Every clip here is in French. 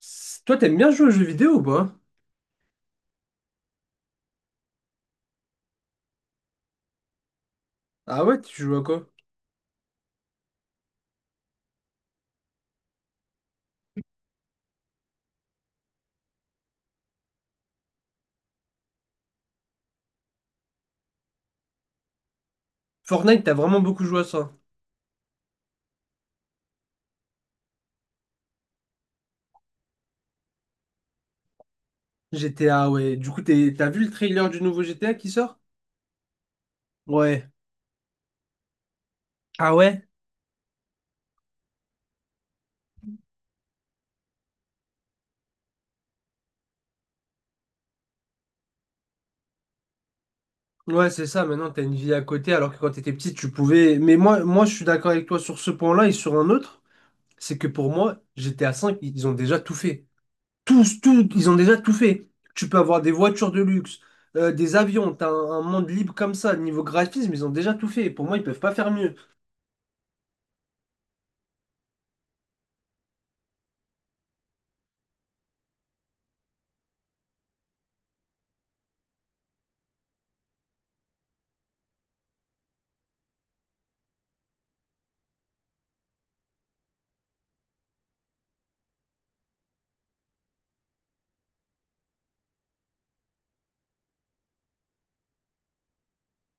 Toi, t'aimes bien jouer aux jeux vidéo ou pas? Ah ouais, tu joues à quoi? Fortnite, t'as vraiment beaucoup joué à ça. GTA, ouais. Du coup, t'as vu le trailer du nouveau GTA qui sort? Ouais. Ah ouais? Ouais, c'est ça. Maintenant, t'as une vie à côté, alors que quand t'étais petit, tu pouvais. Mais moi, je suis d'accord avec toi sur ce point-là et sur un autre. C'est que pour moi, GTA 5, ils ont déjà tout fait. Tous, ils ont déjà tout fait. Tu peux avoir des voitures de luxe, des avions, t'as un monde libre comme ça. Niveau graphisme, ils ont déjà tout fait. Pour moi, ils peuvent pas faire mieux.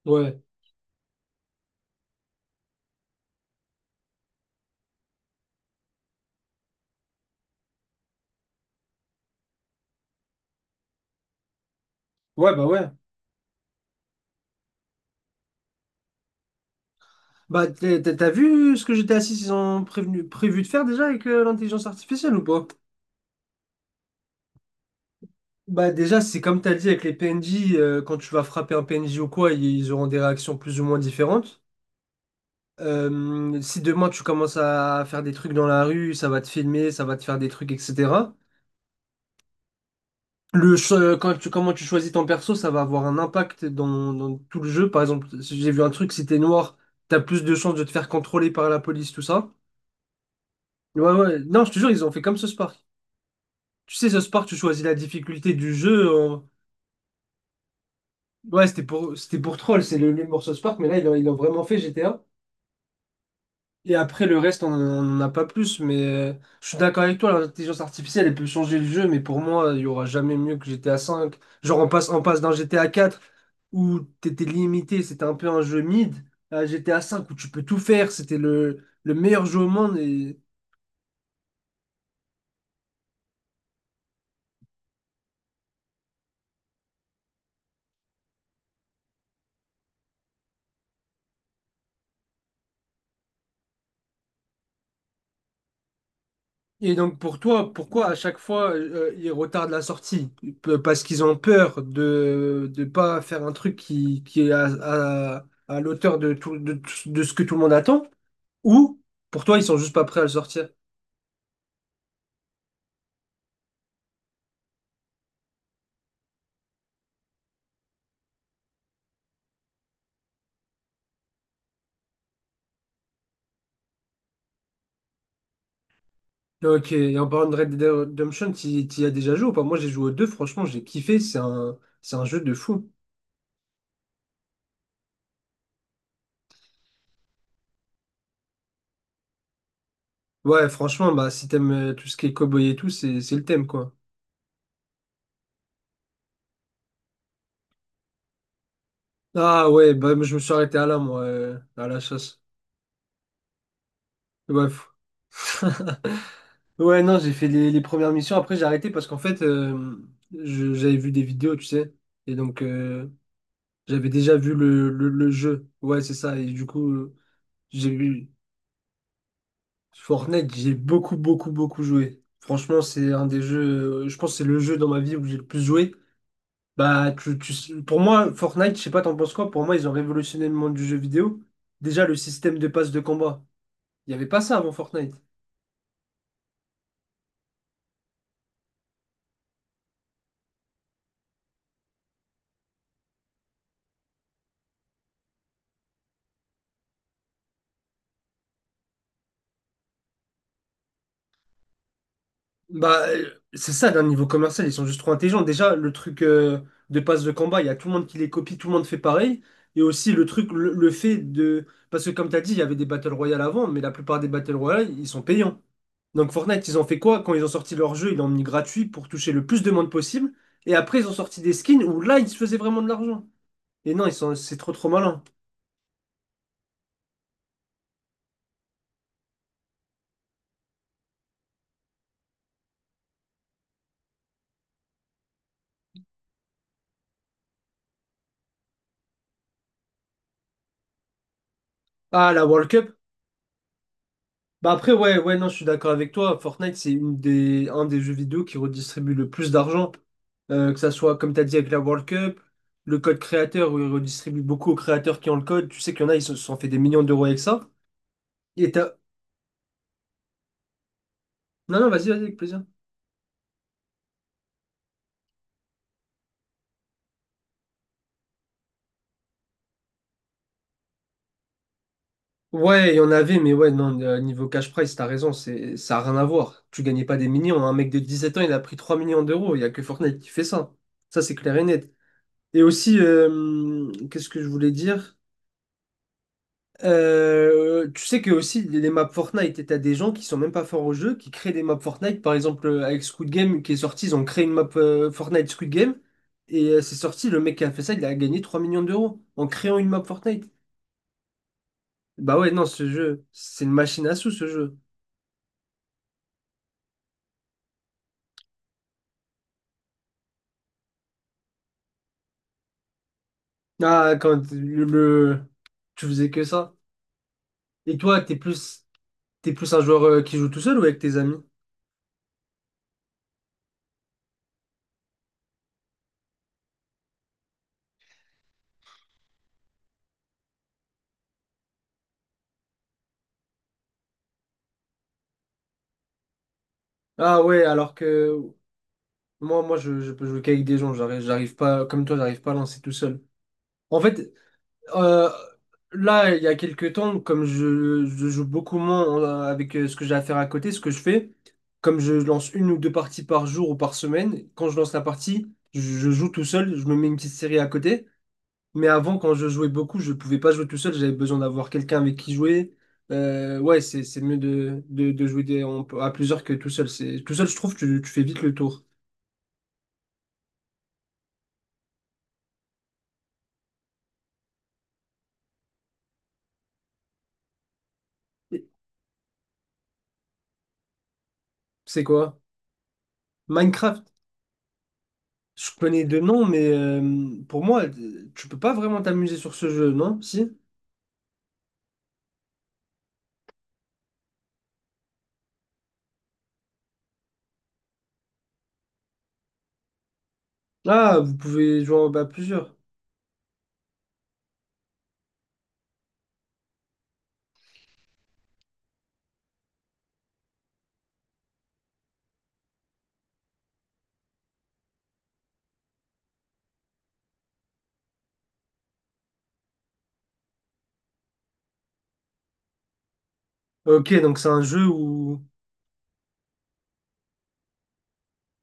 Ouais. Ouais. Bah, t'as vu ce que j'étais assis ils ont prévu de faire déjà avec l'intelligence artificielle ou pas? Bah, déjà, c'est comme t'as dit avec les PNJ, quand tu vas frapper un PNJ ou quoi, ils auront des réactions plus ou moins différentes. Si demain tu commences à faire des trucs dans la rue, ça va te filmer, ça va te faire des trucs, etc. Le, cho- quand tu, comment tu choisis ton perso, ça va avoir un impact dans tout le jeu. Par exemple, si j'ai vu un truc, si t'es noir, t'as plus de chances de te faire contrôler par la police, tout ça. Ouais, ouais. Non, je te jure, ils ont fait comme ce Spark. Tu sais, ce Park, tu choisis la difficulté du jeu. Ouais, c'était pour troll, c'est le nul Source Park, mais là, ils l'ont vraiment fait GTA. Et après, le reste, on n'en a pas plus. Mais je suis d'accord avec toi, l'intelligence artificielle, elle peut changer le jeu, mais pour moi, il y aura jamais mieux que GTA 5. Genre, on passe d'un GTA 4 où t'étais limité, c'était un peu un jeu mid, à GTA 5 où tu peux tout faire, c'était le meilleur jeu au monde. Et donc pour toi, pourquoi à chaque fois ils retardent la sortie? Pe- Parce qu'ils ont peur de ne pas faire un truc qui est à- à l'auteur de ce que tout le monde attend? Ou pour toi, ils sont juste pas prêts à le sortir? Bah, ok, et en parlant de Red Dead Redemption, t'y y as déjà joué ou pas? Moi j'ai joué aux deux, franchement j'ai kiffé, c'est un jeu de fou. Ouais, franchement, bah si t'aimes tout ce qui est cowboy et tout, c'est le thème quoi. Ah ouais, bah je me suis arrêté à là moi, à la chasse. Ouais, fou. Ouais, non, j'ai fait les premières missions. Après, j'ai arrêté parce qu'en fait, j'avais vu des vidéos, tu sais. Et donc, j'avais déjà vu le jeu. Ouais, c'est ça. Et du coup, j'ai vu Fortnite, j'ai beaucoup, beaucoup, beaucoup joué. Franchement, c'est un des jeux, je pense que c'est le jeu dans ma vie où j'ai le plus joué. Bah, pour moi, Fortnite, je sais pas, t'en penses quoi? Pour moi, ils ont révolutionné le monde du jeu vidéo. Déjà, le système de passe de combat. Il n'y avait pas ça avant Fortnite. Bah, c'est ça, d'un niveau commercial, ils sont juste trop intelligents. Déjà, le truc de passe de combat il y a tout le monde qui les copie, tout le monde fait pareil. Et aussi le truc, le fait de... Parce que comme tu as dit, il y avait des Battle Royale avant, mais la plupart des Battle Royale, ils sont payants. Donc Fortnite, ils ont fait quoi? Quand ils ont sorti leur jeu, ils l'ont mis gratuit pour toucher le plus de monde possible. Et après, ils ont sorti des skins où là, ils se faisaient vraiment de l'argent. Et non, ils sont... c'est trop trop malin. Ah, la World Cup. Bah après, ouais, ouais, non, je suis d'accord avec toi. Fortnite, c'est un des jeux vidéo qui redistribue le plus d'argent. Que ça soit, comme tu as dit, avec la World Cup, le code créateur, où il redistribue beaucoup aux créateurs qui ont le code. Tu sais qu'il y en a, ils se sont fait des millions d'euros avec ça. Et t'as... Non, non, vas-y, vas-y, avec plaisir. Ouais, il y en avait, mais ouais, non, niveau cash prize, t'as raison, ça a rien à voir. Tu gagnais pas des millions. Un mec de 17 ans, il a pris 3 millions d'euros. Il y a que Fortnite qui fait ça. Ça, c'est clair et net. Et aussi, qu'est-ce que je voulais dire? Tu sais que aussi les maps Fortnite, t'as des gens qui sont même pas forts au jeu, qui créent des maps Fortnite. Par exemple, avec Squid Game qui est sorti, ils ont créé une map Fortnite Squid Game. Et c'est sorti, le mec qui a fait ça, il a gagné 3 millions d'euros en créant une map Fortnite. Bah ouais, non, ce jeu, c'est une machine à sous ce jeu. Ah, quand tu faisais que ça. Et toi, t'es plus un joueur qui joue tout seul ou avec tes amis? Ah ouais, alors que moi, je peux jouer qu'avec des gens. J'arrive pas, comme toi, j'arrive pas à lancer tout seul. En fait, Euh, là, il y a quelques temps, comme je joue beaucoup moins avec ce que j'ai à faire à côté, ce que je fais, comme je lance une ou deux parties par jour ou par semaine, quand je lance la partie, je joue tout seul, je me mets une petite série à côté. Mais avant, quand je jouais beaucoup, je pouvais pas jouer tout seul, j'avais besoin d'avoir quelqu'un avec qui jouer. Ouais, c'est mieux de jouer à plusieurs que tout seul. C'est, tout seul, je trouve, tu fais vite le tour. C'est quoi? Minecraft? Je connais deux noms, mais pour moi, tu peux pas vraiment t'amuser sur ce jeu, non? Si? Ah, vous pouvez jouer à plusieurs. Ok, donc c'est un jeu où...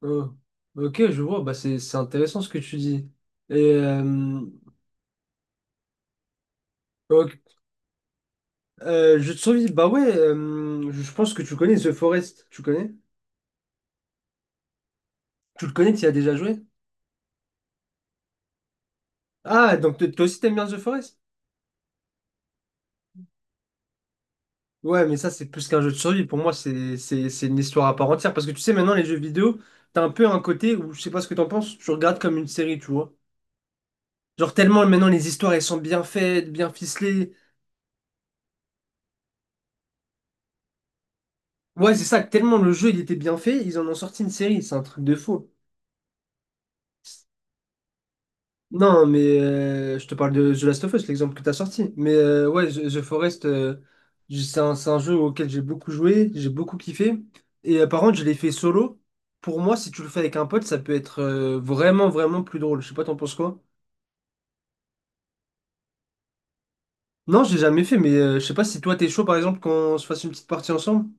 Oh, ok, je vois, bah c'est intéressant ce que tu dis. Et... ok, jeu de survie, bah ouais, je pense que tu connais The Forest, tu connais? Tu le connais, tu y as déjà joué? Ah, donc toi aussi t'aimes bien The Forest? Ouais, mais ça, c'est plus qu'un jeu de survie. Pour moi, c'est une histoire à part entière. Parce que tu sais, maintenant, les jeux vidéo, t'as un peu un côté où, je sais pas ce que t'en penses, tu regardes comme une série, tu vois. Genre, tellement maintenant, les histoires, elles sont bien faites, bien ficelées. Ouais, c'est ça, tellement le jeu, il était bien fait, ils en ont sorti une série. C'est un truc de fou. Non, mais je te parle de The Last of Us, l'exemple que tu as sorti. Mais ouais, The Forest, c'est un jeu auquel j'ai beaucoup joué, j'ai beaucoup kiffé. Et par contre, je l'ai fait solo. Pour moi, si tu le fais avec un pote, ça peut être vraiment, vraiment plus drôle. Je sais pas, t'en penses quoi? Non, j'ai jamais fait, mais je sais pas si toi, t'es chaud, par exemple, qu'on se fasse une petite partie ensemble.